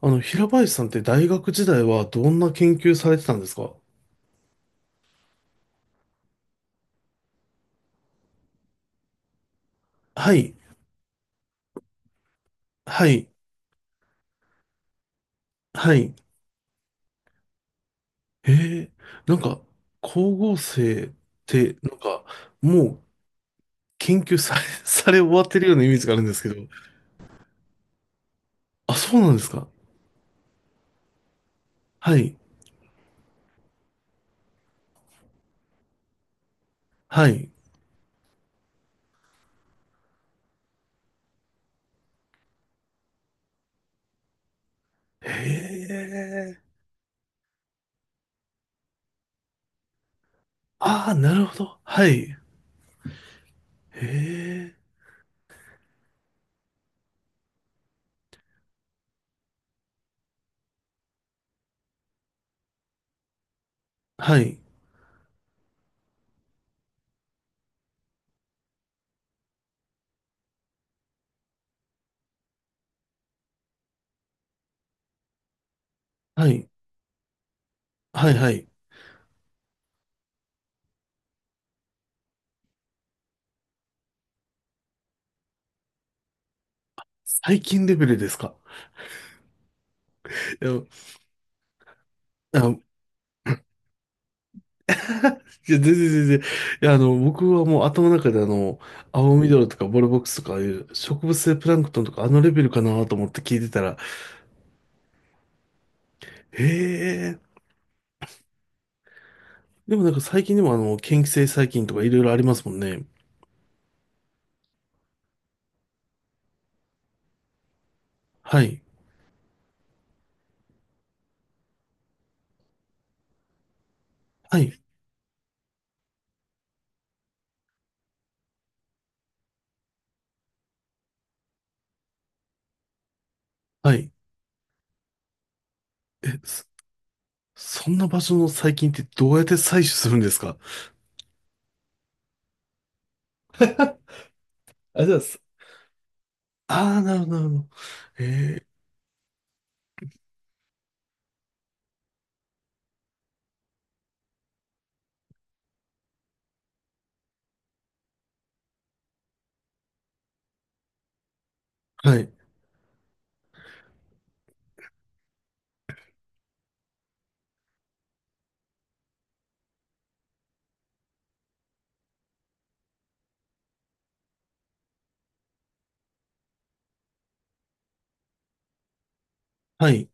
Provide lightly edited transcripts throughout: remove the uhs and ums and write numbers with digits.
平林さんって大学時代はどんな研究されてたんですか？はい、はい、はい。へえ、なんか、光合成って、もう研究され、され終わってるようなイメージがあるんですけど。あ、そうなんですか？はい、はい。へえ、ああ、なるほど。はい。へえ、はい、はい、はい、はい。最近レベルですか？いや、あいや、全然。いや、僕はもう頭の中で青緑とかボルボックスとかああいう植物性プランクトンとかあのレベルかなと思って聞いてたら、へえ。でもなんか最近でも嫌気性細菌とかいろいろありますもんね。はい。はい。はい。え、そ、そんな場所の細菌ってどうやって採取するんですか？あ、じゃあ、すあー、なるほど、なるほど。へえー。はい。はい。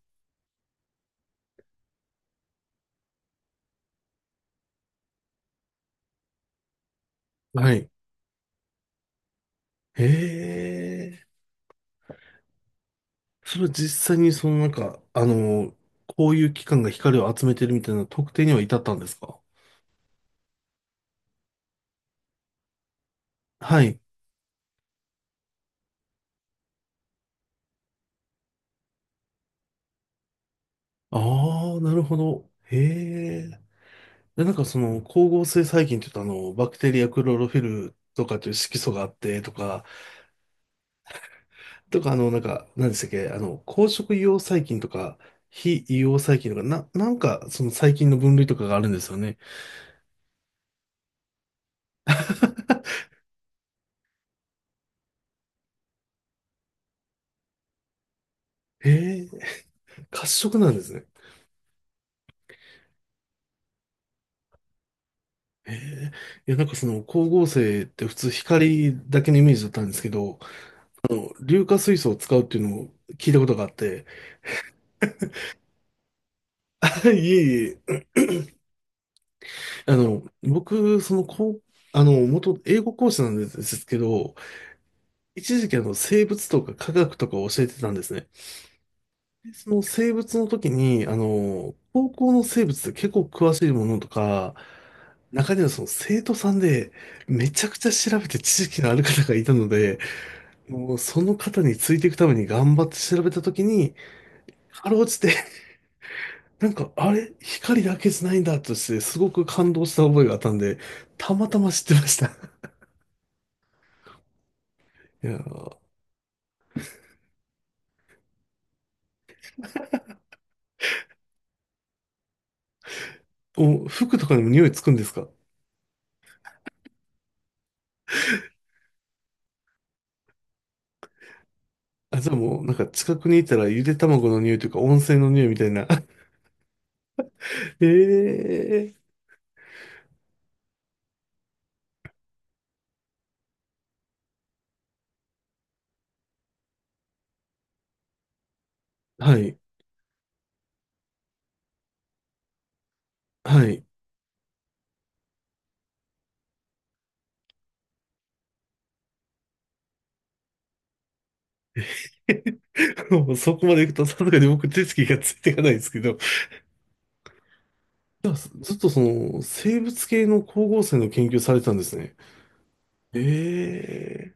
はい。へえ。それは実際にそのなんか、こういう機関が光を集めてるみたいな特定には至ったんですか？はい。ああ、なるほど。へえ。で、なんかその光合成細菌って言うとバクテリアクロロフィルとかという色素があってとか、とかなんか、何でしたっけ、光色硫黄細菌とか、非硫黄細菌とか、なんかその細菌の分類とかがあるんですよね。へえ、褐色なんですね。へえ、いや、なんかその光合成って普通光だけのイメージだったんですけど、硫化水素を使うっていうのを聞いたことがあって、いえいえ、僕、元英語講師なんですけど、一時期生物とか科学とかを教えてたんですね。でその生物の時に、高校の生物って結構詳しいものとか、中にはその生徒さんでめちゃくちゃ調べて知識のある方がいたので、もうその方についていくために頑張って調べたときに、かろうじて、なんか、あれ、光だけじゃないんだとして、すごく感動した覚えがあったんで、たまたま知ってました。いやー、お、服とかにも匂いつくんですか？あ、じゃあもう、なんか近くにいたらゆで卵の匂いというか温泉の匂いみたいな。ええー。はい、はい。もうそこまで行くと、さすがに僕手つきがついていかないですけど、ずっとその、生物系の光合成の研究されてたんですね。ええ、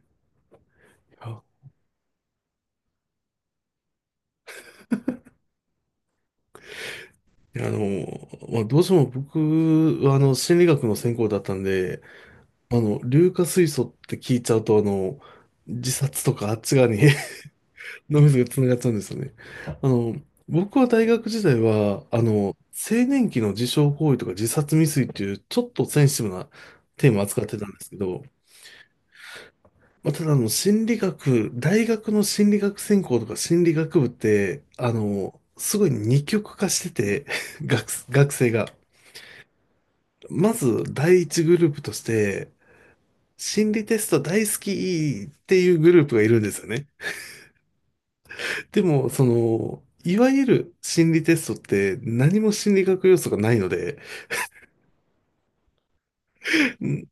いや、まあ、どうしても僕は、心理学の専攻だったんで、硫化水素って聞いちゃうと、自殺とかあっち側に 脳みそが繋がっちゃうんですよね。あの、僕は大学時代は、青年期の自傷行為とか自殺未遂っていう、ちょっとセンシティブなテーマを扱ってたんですけど、まあ、ただ、心理学、大学の心理学専攻とか心理学部って、すごい二極化してて、学、学生が。まず第一グループとして、心理テスト大好きっていうグループがいるんですよね。でも、その、いわゆる心理テストって何も心理学要素がないので、ん、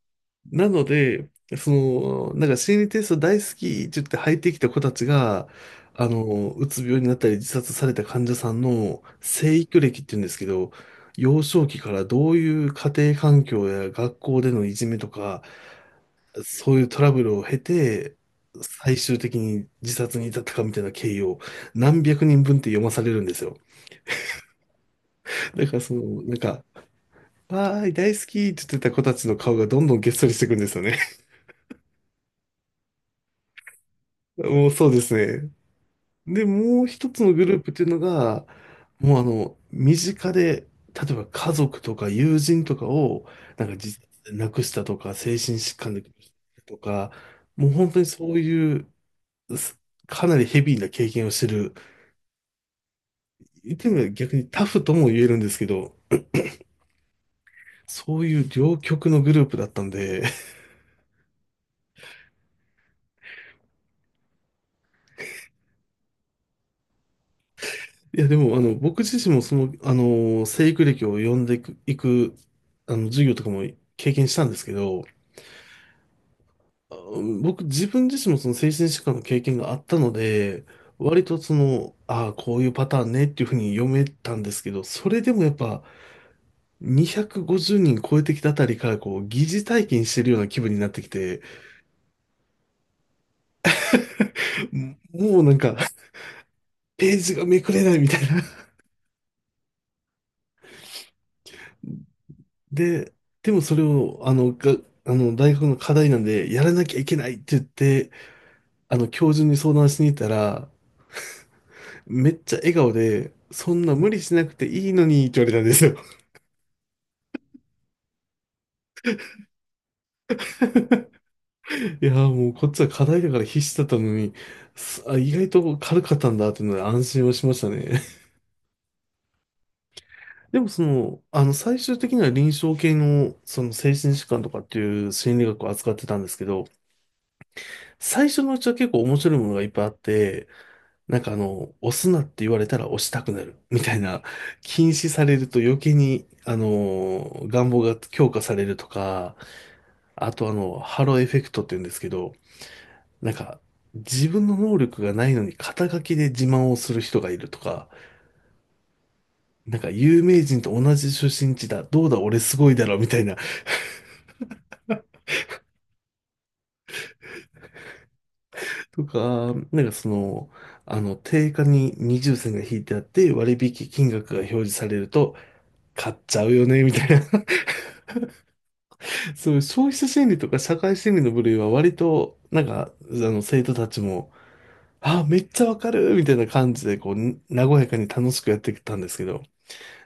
なので、その、なんか心理テスト大好きって言って入ってきた子たちが、うつ病になったり自殺された患者さんの生育歴って言うんですけど、幼少期からどういう家庭環境や学校でのいじめとか、そういうトラブルを経て、最終的に自殺に至ったかみたいな経緯を何百人分って読まされるんですよ。だからその、なんか、わーい、大好きって言ってた子たちの顔がどんどんげっそりしていくんですよね。もうそうですね。で、もう一つのグループっていうのが、もうあの、身近で、例えば家族とか友人とかを、なんか自殺で亡くしたとか、精神疾患で亡くしたとか、もう本当にそういう、すかなりヘビーな経験をしてる、言ってみれば逆にタフとも言えるんですけど、そういう両極のグループだったんで、いやでもあの僕自身もその、生育歴を読んでいく、授業とかも経験したんですけど、あ僕自分自身もその精神疾患の経験があったので、割とその、ああ、こういうパターンねっていうふうに読めたんですけど、それでもやっぱ250人超えてきたあたりからこう疑似体験してるような気分になってきて、もうなんかページがめくれないみたいな。で、でもそれを、あの、が、あの、大学の課題なんで、やらなきゃいけないって言って、教授に相談しに行ったら、めっちゃ笑顔で、そんな無理しなくていいのにって言われたんですよ。いやー、もうこっちは課題だから必死だったのに、あ、意外と軽かったんだっていうので安心をしましたね。でもその、最終的には臨床系の、その精神疾患とかっていう心理学を扱ってたんですけど、最初のうちは結構面白いものがいっぱいあって、なんかあの、押すなって言われたら押したくなるみたいな、禁止されると余計に、願望が強化されるとか、あとハローエフェクトって言うんですけど、なんか、自分の能力がないのに肩書きで自慢をする人がいるとか、なんか有名人と同じ出身地だ、どうだ俺すごいだろみたいな、とか、なんかその、定価に二重線が引いてあって割引金額が表示されると、買っちゃうよね、みたいな、そういう消費者心理とか社会心理の部類は割と、なんか、生徒たちも、あ、めっちゃわかるみたいな感じで、こう、に和やかに楽しくやってきたんですけど、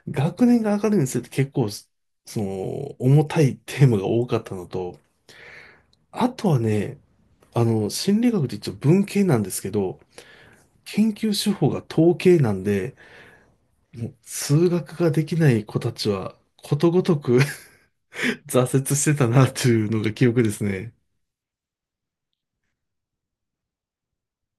学年が上がるにつれて結構、その、重たいテーマが多かったのと、あとはね、心理学って一応文系なんですけど、研究手法が統計なんで、もう数学ができない子たちは、ことごとく 挫折してたなというのが記憶ですね。